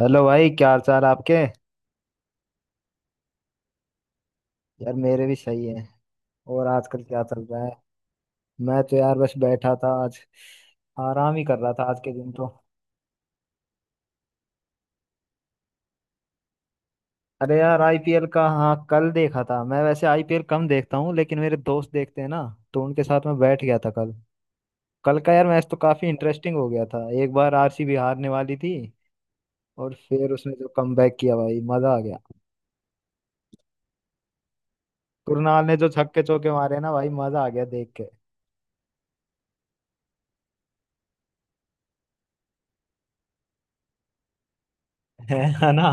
Hello भाई, क्या हाल चाल आपके यार। मेरे भी सही है। और आजकल क्या चल रहा है। मैं तो यार बस बैठा था आज। आराम ही कर रहा था आज के दिन तो। अरे यार, आईपीएल का हाँ कल देखा था मैं। वैसे आईपीएल कम देखता हूँ, लेकिन मेरे दोस्त देखते हैं ना, तो उनके साथ मैं बैठ गया था कल। कल का यार मैच तो काफी इंटरेस्टिंग हो गया था। एक बार आरसीबी हारने वाली थी, और फिर उसने जो कमबैक किया भाई, मजा आ गया। कुरनाल ने जो छक्के चौके मारे ना भाई, मजा आ गया देख के। है ना।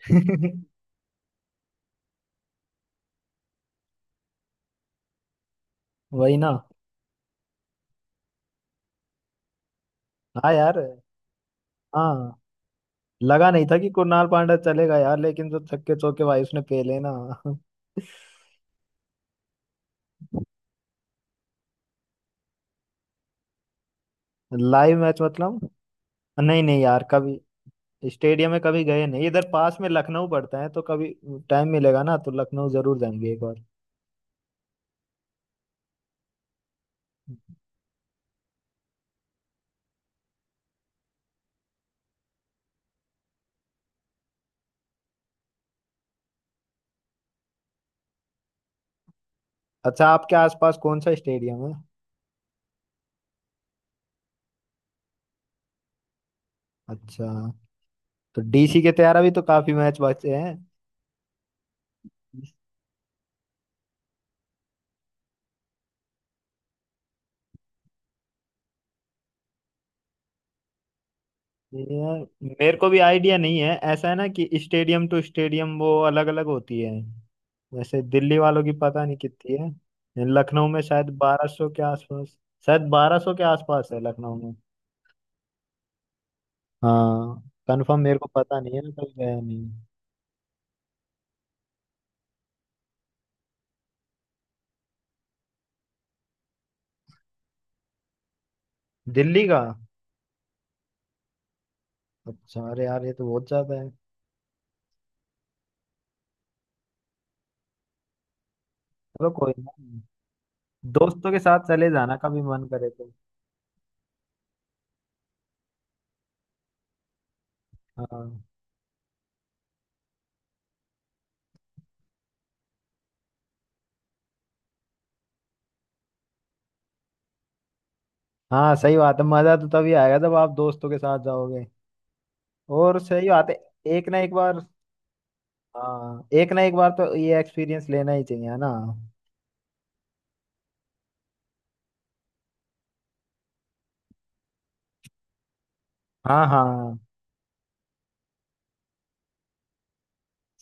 वही ना। हाँ यार। हाँ, लगा नहीं था कि कुणाल पांड्या चलेगा यार, लेकिन जो छक्के चौके भाई उसने पेले ना। लाइव मैच मतलब? नहीं नहीं यार, कभी स्टेडियम में कभी गए नहीं। इधर पास में लखनऊ पड़ता है, तो कभी टाइम मिलेगा ना तो लखनऊ जरूर जाएंगे एक बार। अच्छा, आपके आसपास कौन सा स्टेडियम है? अच्छा, तो डीसी के तैयारा भी तो काफी मैच बचे हैं। यार मेरे को भी आइडिया नहीं है। ऐसा है ना कि स्टेडियम टू स्टेडियम वो अलग अलग होती है। वैसे दिल्ली वालों की पता नहीं कितनी है, लखनऊ में शायद 1200 के आसपास। शायद बारह सौ के आसपास है लखनऊ में। हाँ। कंफर्म मेरे को पता नहीं है, मैं कभी गया नहीं। दिल्ली का? अच्छा, अरे यार ये तो बहुत ज्यादा है। चलो कोई ना, दोस्तों के साथ चले जाना कभी मन करे तो। हाँ। हाँ, सही बात है, मजा तो तभी आएगा जब आप दोस्तों के साथ जाओगे। और सही बात है। एक ना एक बार। हाँ, एक ना एक बार तो ये एक्सपीरियंस लेना ही चाहिए, है ना। हाँ हाँ,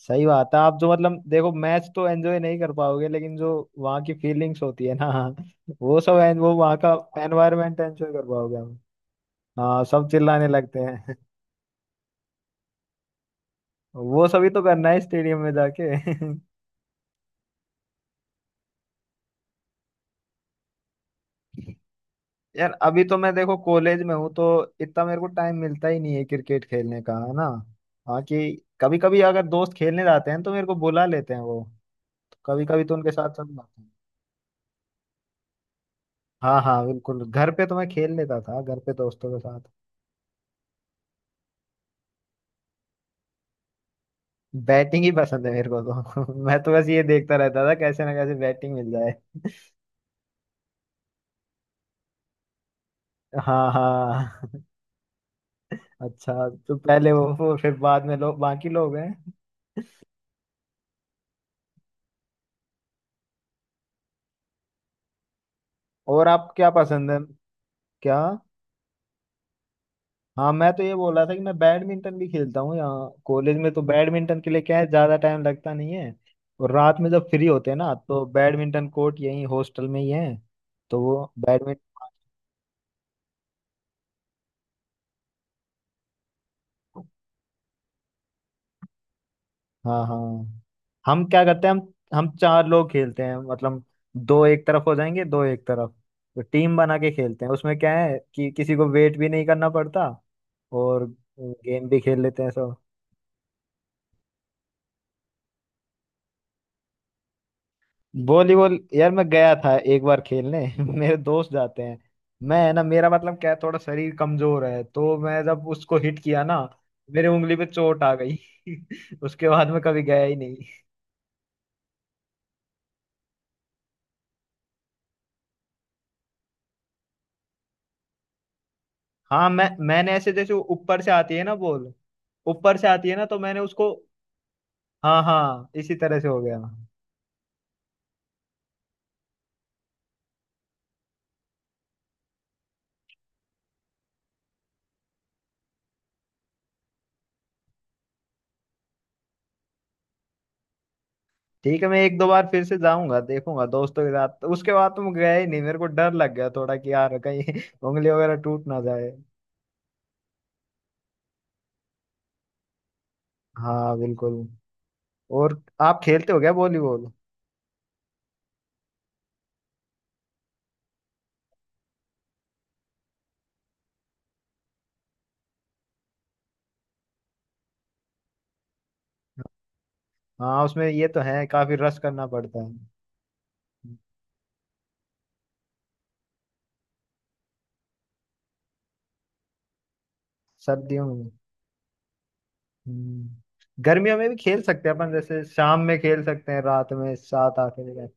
सही बात है। आप जो मतलब देखो मैच तो एंजॉय नहीं कर पाओगे, लेकिन जो वहाँ की फीलिंग्स होती है ना वो सब वो वहाँ का एनवायरनमेंट एंजॉय कर पाओगे। हम। हाँ, सब चिल्लाने लगते हैं। वो सभी तो करना है स्टेडियम में जाके। यार अभी तो मैं देखो कॉलेज में हूँ, तो इतना मेरे को टाइम मिलता ही नहीं है क्रिकेट खेलने का, है ना। हाँ कि कभी कभी अगर दोस्त खेलने जाते हैं तो मेरे को बुला लेते हैं वो। कभी कभी तो उनके साथ चल जाते हैं। हाँ हाँ, बिल्कुल। घर पे तो मैं खेल लेता था घर पे दोस्तों के साथ। बैटिंग ही पसंद है मेरे को तो। मैं तो बस ये देखता रहता था कैसे ना कैसे बैटिंग मिल जाए। हाँ हाँ। अच्छा, तो पहले वो फिर बाद में लोग, बाकी लोग हैं। और आप क्या पसंद है? क्या? हाँ, मैं तो ये बोल रहा था कि मैं बैडमिंटन भी खेलता हूँ यहाँ कॉलेज में। तो बैडमिंटन के लिए क्या है, ज्यादा टाइम लगता नहीं है। और रात में जब फ्री होते हैं ना, तो बैडमिंटन कोर्ट यहीं हॉस्टल में ही है, तो वो बैडमिंटन। हाँ हाँ। हम क्या करते हैं। हम चार लोग खेलते हैं मतलब, दो एक तरफ हो जाएंगे दो एक तरफ। तो टीम बना के खेलते हैं। उसमें क्या है कि किसी को वेट भी नहीं करना पड़ता, और गेम भी खेल लेते हैं सब। वॉलीबॉल यार मैं गया था एक बार खेलने। मेरे दोस्त जाते हैं। मैं है ना, मेरा मतलब क्या है, थोड़ा शरीर कमजोर है। तो मैं जब उसको हिट किया ना, मेरे उंगली पे चोट आ गई। उसके बाद मैं कभी गया ही। हाँ, मैंने ऐसे जैसे वो ऊपर से आती है ना बॉल, ऊपर से आती है ना, तो मैंने उसको। हाँ हाँ, इसी तरह से हो गया। ठीक है, मैं एक दो बार फिर से जाऊंगा, देखूंगा दोस्तों के साथ। उसके बाद तो मैं गया ही नहीं, मेरे को डर लग गया थोड़ा कि यार कहीं उंगली वगैरह टूट ना जाए। हाँ बिल्कुल। और आप खेलते हो क्या वॉलीबॉल? हाँ, उसमें ये तो है, काफी रश करना पड़ता है। सर्दियों में। हम्म, गर्मियों में भी खेल सकते हैं अपन, जैसे शाम में खेल सकते हैं, रात में 7 8 बजे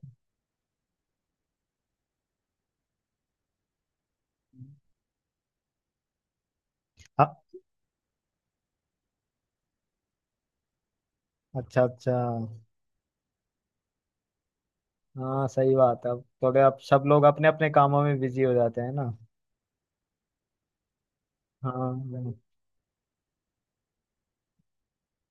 तक। अच्छा अच्छा। हाँ सही बात है, अब थोड़े अब सब लोग अपने अपने कामों में बिजी हो जाते हैं ना। हाँ।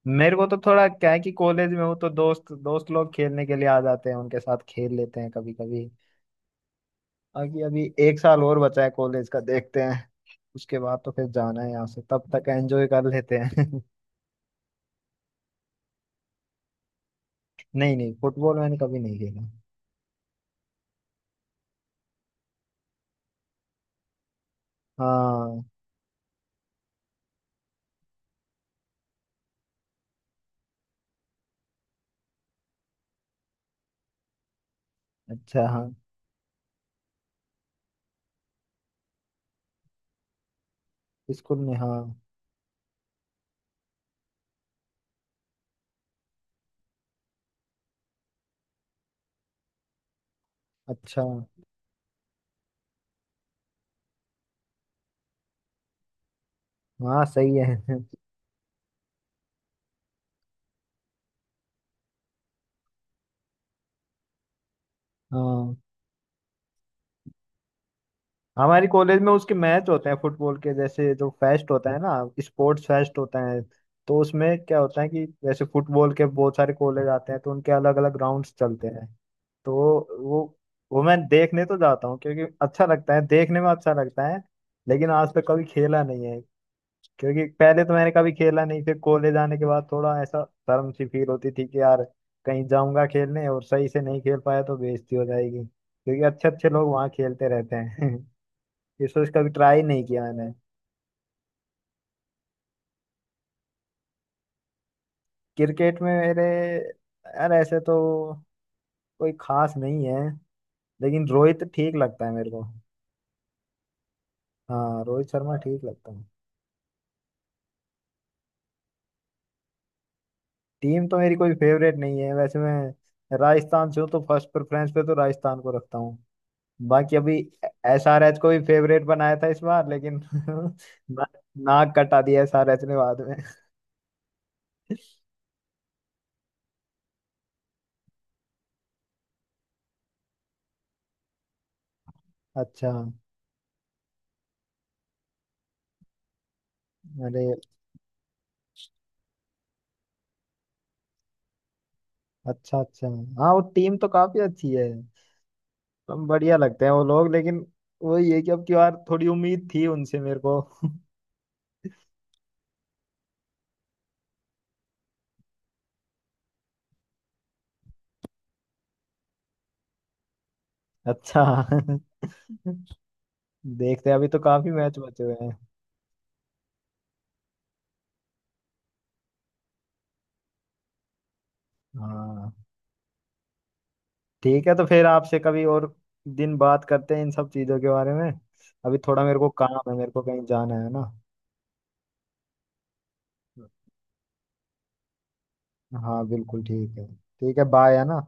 मेरे को तो थोड़ा क्या है कि कॉलेज में हूँ तो दोस्त, दोस्त लोग खेलने के लिए आ जाते हैं, उनके साथ खेल लेते हैं कभी कभी। अभी अभी एक साल और बचा है कॉलेज का, देखते हैं। उसके बाद तो फिर जाना है यहाँ से, तब तक एंजॉय कर लेते हैं। नहीं नहीं, फुटबॉल मैंने कभी नहीं खेला। हाँ। अच्छा हाँ। स्कूल में हाँ। अच्छा। हाँ सही है। हाँ, हमारी कॉलेज में उसके मैच होते हैं फुटबॉल के। जैसे जो फेस्ट होता है ना, स्पोर्ट्स फेस्ट होता है, तो उसमें क्या होता है कि जैसे फुटबॉल के बहुत सारे कॉलेज आते हैं, तो उनके अलग अलग ग्राउंड्स चलते हैं। तो वो वो मैं देखने तो जाता हूँ, क्योंकि अच्छा लगता है, देखने में अच्छा लगता है। लेकिन आज तक कभी खेला नहीं है, क्योंकि पहले तो मैंने कभी खेला नहीं। फिर कॉलेज आने के बाद थोड़ा ऐसा शर्म सी फील होती थी कि यार कहीं जाऊंगा खेलने और सही से नहीं खेल पाया तो बेइज्जती हो जाएगी, क्योंकि अच्छे अच्छे लोग वहाँ खेलते रहते हैं। डिस्कस कभी ट्राई नहीं किया मैंने। क्रिकेट में मेरे, यार ऐसे तो कोई खास नहीं है, लेकिन रोहित ठीक लगता है मेरे को। हाँ, रोहित शर्मा ठीक लगता है। टीम तो मेरी कोई फेवरेट नहीं है, वैसे मैं राजस्थान से हूँ तो फर्स्ट प्रेफरेंस पे तो राजस्थान को रखता हूँ। बाकी अभी एसआरएच को भी फेवरेट बनाया था इस बार, लेकिन ना, नाक कटा दिया एसआरएच ने बाद में। अच्छा, अरे। अच्छा अच्छा। हाँ, वो टीम तो काफी अच्छी है। हम, बढ़िया लगते हैं वो लोग, लेकिन वही है कि अब की बार थोड़ी उम्मीद थी उनसे मेरे को। अच्छा, देखते हैं, अभी तो काफी मैच बचे हुए हैं। हाँ। ठीक है, तो फिर आपसे कभी और दिन बात करते हैं इन सब चीजों के बारे में। अभी थोड़ा मेरे को काम है, मेरे को कहीं जाना है ना। हाँ बिल्कुल। ठीक है ठीक है, बाय, है ना।